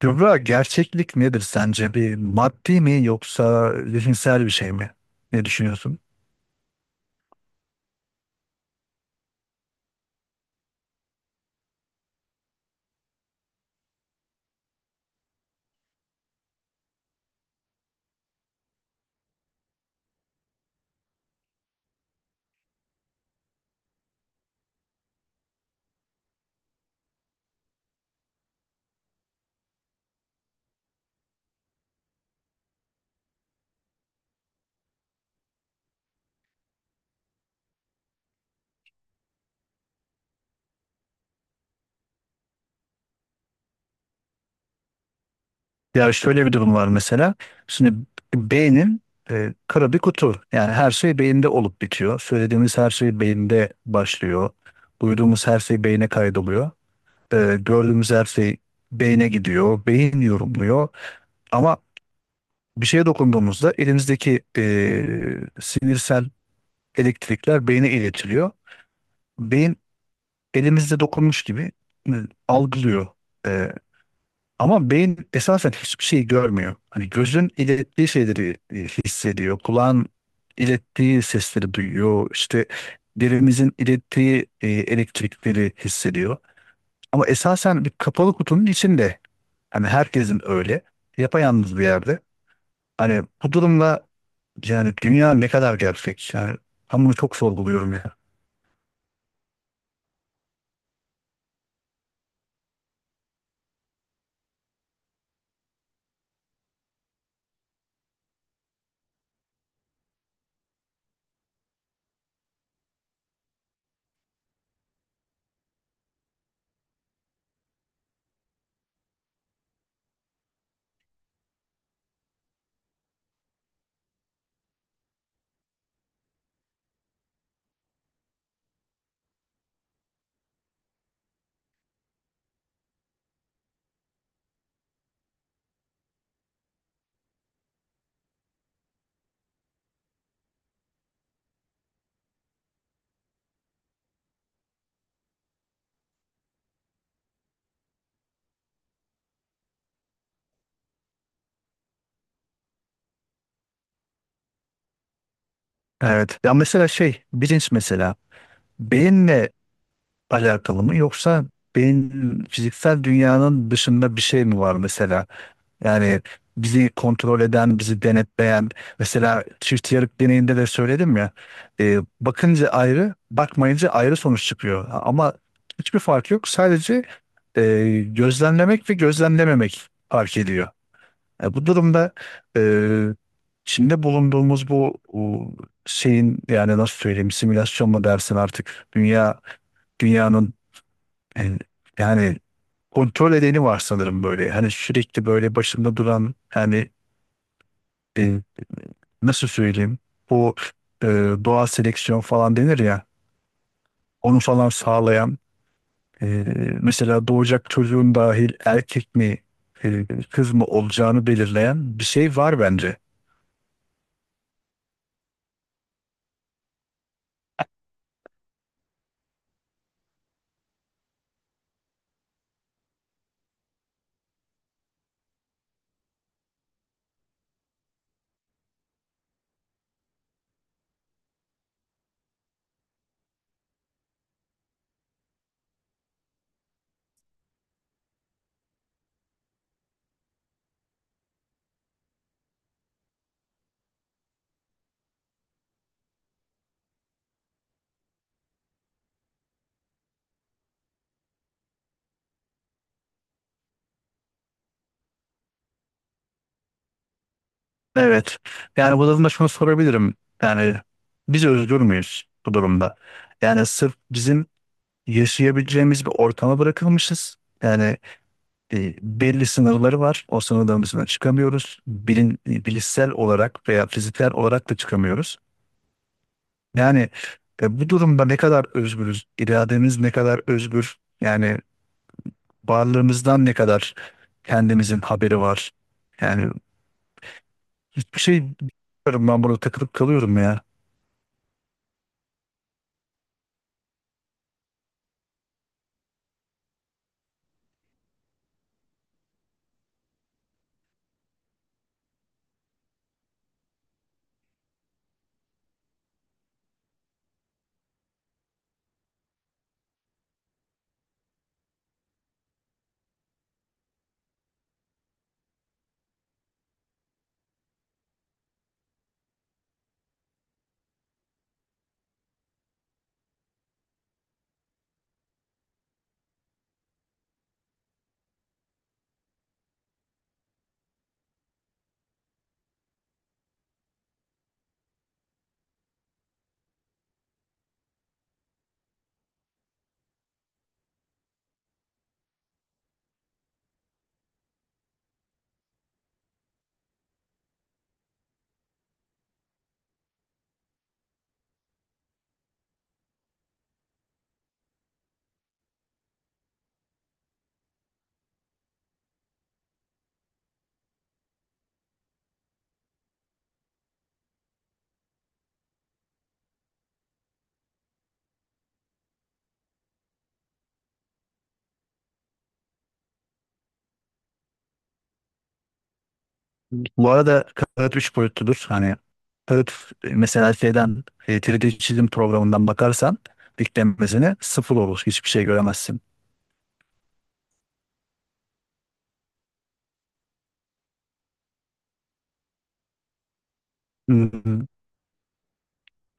Kübra gerçeklik nedir sence? Bir maddi mi yoksa zihinsel bir şey mi? Ne düşünüyorsun? Ya şöyle bir durum var mesela. Şimdi beynin kara bir kutu. Yani her şey beyinde olup bitiyor. Söylediğimiz her şey beyinde başlıyor. Duyduğumuz her şey beyne kaydoluyor. Gördüğümüz her şey beyne gidiyor. Beyin yorumluyor. Ama bir şeye dokunduğumuzda elimizdeki sinirsel elektrikler beyne iletiliyor. Beyin elimizde dokunmuş gibi e, algılıyor. E, Ama beyin esasen hiçbir şey görmüyor. Hani gözün ilettiği şeyleri hissediyor. Kulağın ilettiği sesleri duyuyor. İşte derimizin ilettiği elektrikleri hissediyor. Ama esasen bir kapalı kutunun içinde. Hani herkesin öyle. Yapayalnız bir yerde. Hani bu durumda yani dünya ne kadar gerçek? Yani ben bunu çok sorguluyorum ya. Evet. Ya mesela şey bilinç mesela. Beyinle alakalı mı yoksa beyin fiziksel dünyanın dışında bir şey mi var mesela? Yani bizi kontrol eden, bizi denetleyen mesela çift yarık deneyinde de söyledim ya, bakınca ayrı, bakmayınca ayrı sonuç çıkıyor. Ama hiçbir fark yok. Sadece e, gözlemlemek ve gözlemlememek fark ediyor. Bu durumda e, içinde bulunduğumuz bu şeyin yani nasıl söyleyeyim simülasyon mu dersin artık dünyanın en- yani kontrol edeni var sanırım böyle. Hani sürekli böyle başında duran yani e, nasıl söyleyeyim bu e, doğal seleksiyon falan denir ya, onu falan sağlayan e, mesela doğacak çocuğun dahil erkek mi kız mı olacağını belirleyen bir şey var bence. Evet. Yani bu durumda şunu sorabilirim. Yani biz özgür müyüz bu durumda? Yani sırf bizim yaşayabileceğimiz bir ortama bırakılmışız. Yani belli sınırları var. O sınırların dışına çıkamıyoruz. Bilişsel olarak veya fiziksel olarak da çıkamıyoruz. Yani bu durumda ne kadar özgürüz, irademiz ne kadar özgür, yani varlığımızdan ne kadar kendimizin haberi var. Yani hiçbir şey bilmiyorum, ben burada takılıp kalıyorum ya. Bu arada kağıt üç boyutludur. Hani kağıt mesela şeyden, 3D çizim programından bakarsan diklenmesine sıfır olur. Hiçbir şey göremezsin. Hmm.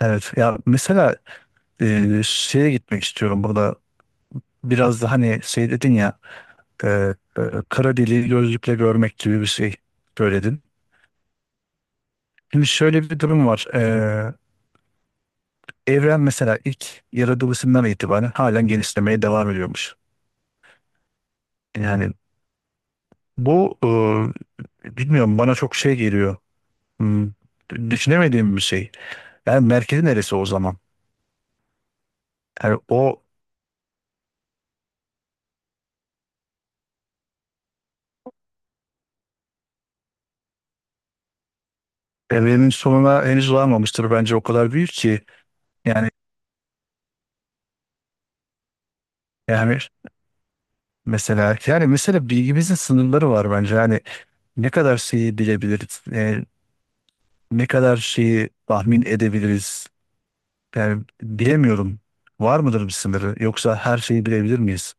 Evet, ya mesela şeye gitmek istiyorum burada biraz da. Hani şey dedin ya, e, e, kara deliği gözlükle görmek gibi bir şey söyledin. Şimdi şöyle bir durum var. Evren mesela ilk yaratılışından itibaren halen genişlemeye devam ediyormuş. Yani bu, bilmiyorum, bana çok şey geliyor. Hmm, Düşünemediğim bir şey. Yani merkezi neresi o zaman? Yani o evrenin sonuna henüz varmamıştır bence, o kadar büyük ki. Yani yani Mesela yani mesela bilgimizin sınırları var bence. Yani ne kadar şeyi bilebiliriz, ne kadar şeyi tahmin edebiliriz. Yani bilemiyorum. Var mıdır bir sınırı? Yoksa her şeyi bilebilir miyiz?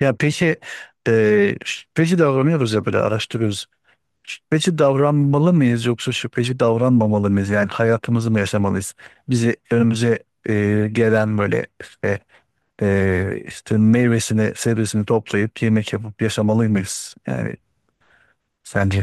Ya peki, şüpheci davranıyoruz ya böyle, araştırıyoruz. Şüpheci davranmalı mıyız yoksa şüpheci davranmamalı mıyız? Yani hayatımızı mı yaşamalıyız? Bizi, önümüze gelen böyle işte, işte meyvesini, sebzesini toplayıp yemek yapıp yaşamalı mıyız? Yani sence?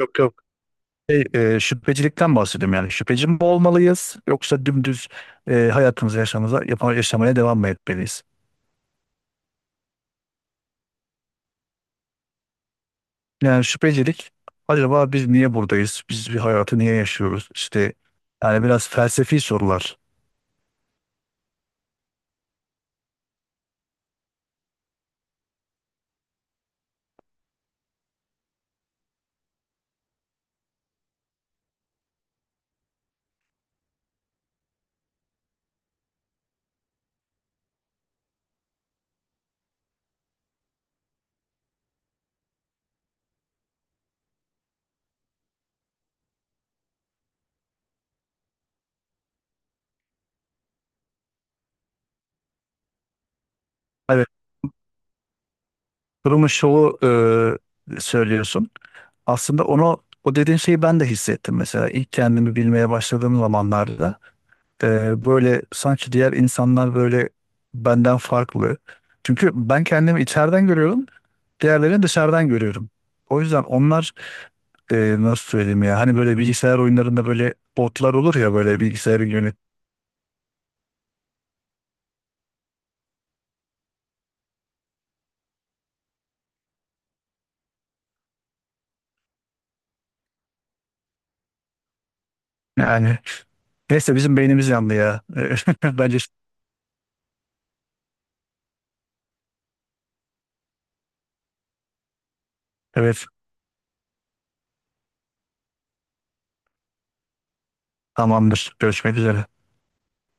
Yok, yok. Şey, Şüphecilikten bahsediyorum yani. Şüpheci mi olmalıyız yoksa dümdüz hayatımızı yaşamaya devam mı etmeliyiz? Yani şüphecilik, acaba biz niye buradayız? Biz bir hayatı niye yaşıyoruz? İşte yani biraz felsefi sorular. Evet. Durumun şovu söylüyorsun. Aslında onu, o dediğin şeyi ben de hissettim mesela ilk kendimi bilmeye başladığım zamanlarda. Böyle sanki diğer insanlar böyle benden farklı. Çünkü ben kendimi içeriden görüyorum, diğerlerini dışarıdan görüyorum. O yüzden onlar nasıl söyleyeyim ya, hani böyle bilgisayar oyunlarında böyle botlar olur ya, böyle bilgisayarın yönet yani neyse, bizim beynimiz yandı ya. Bence evet, tamamdır. Görüşmek üzere.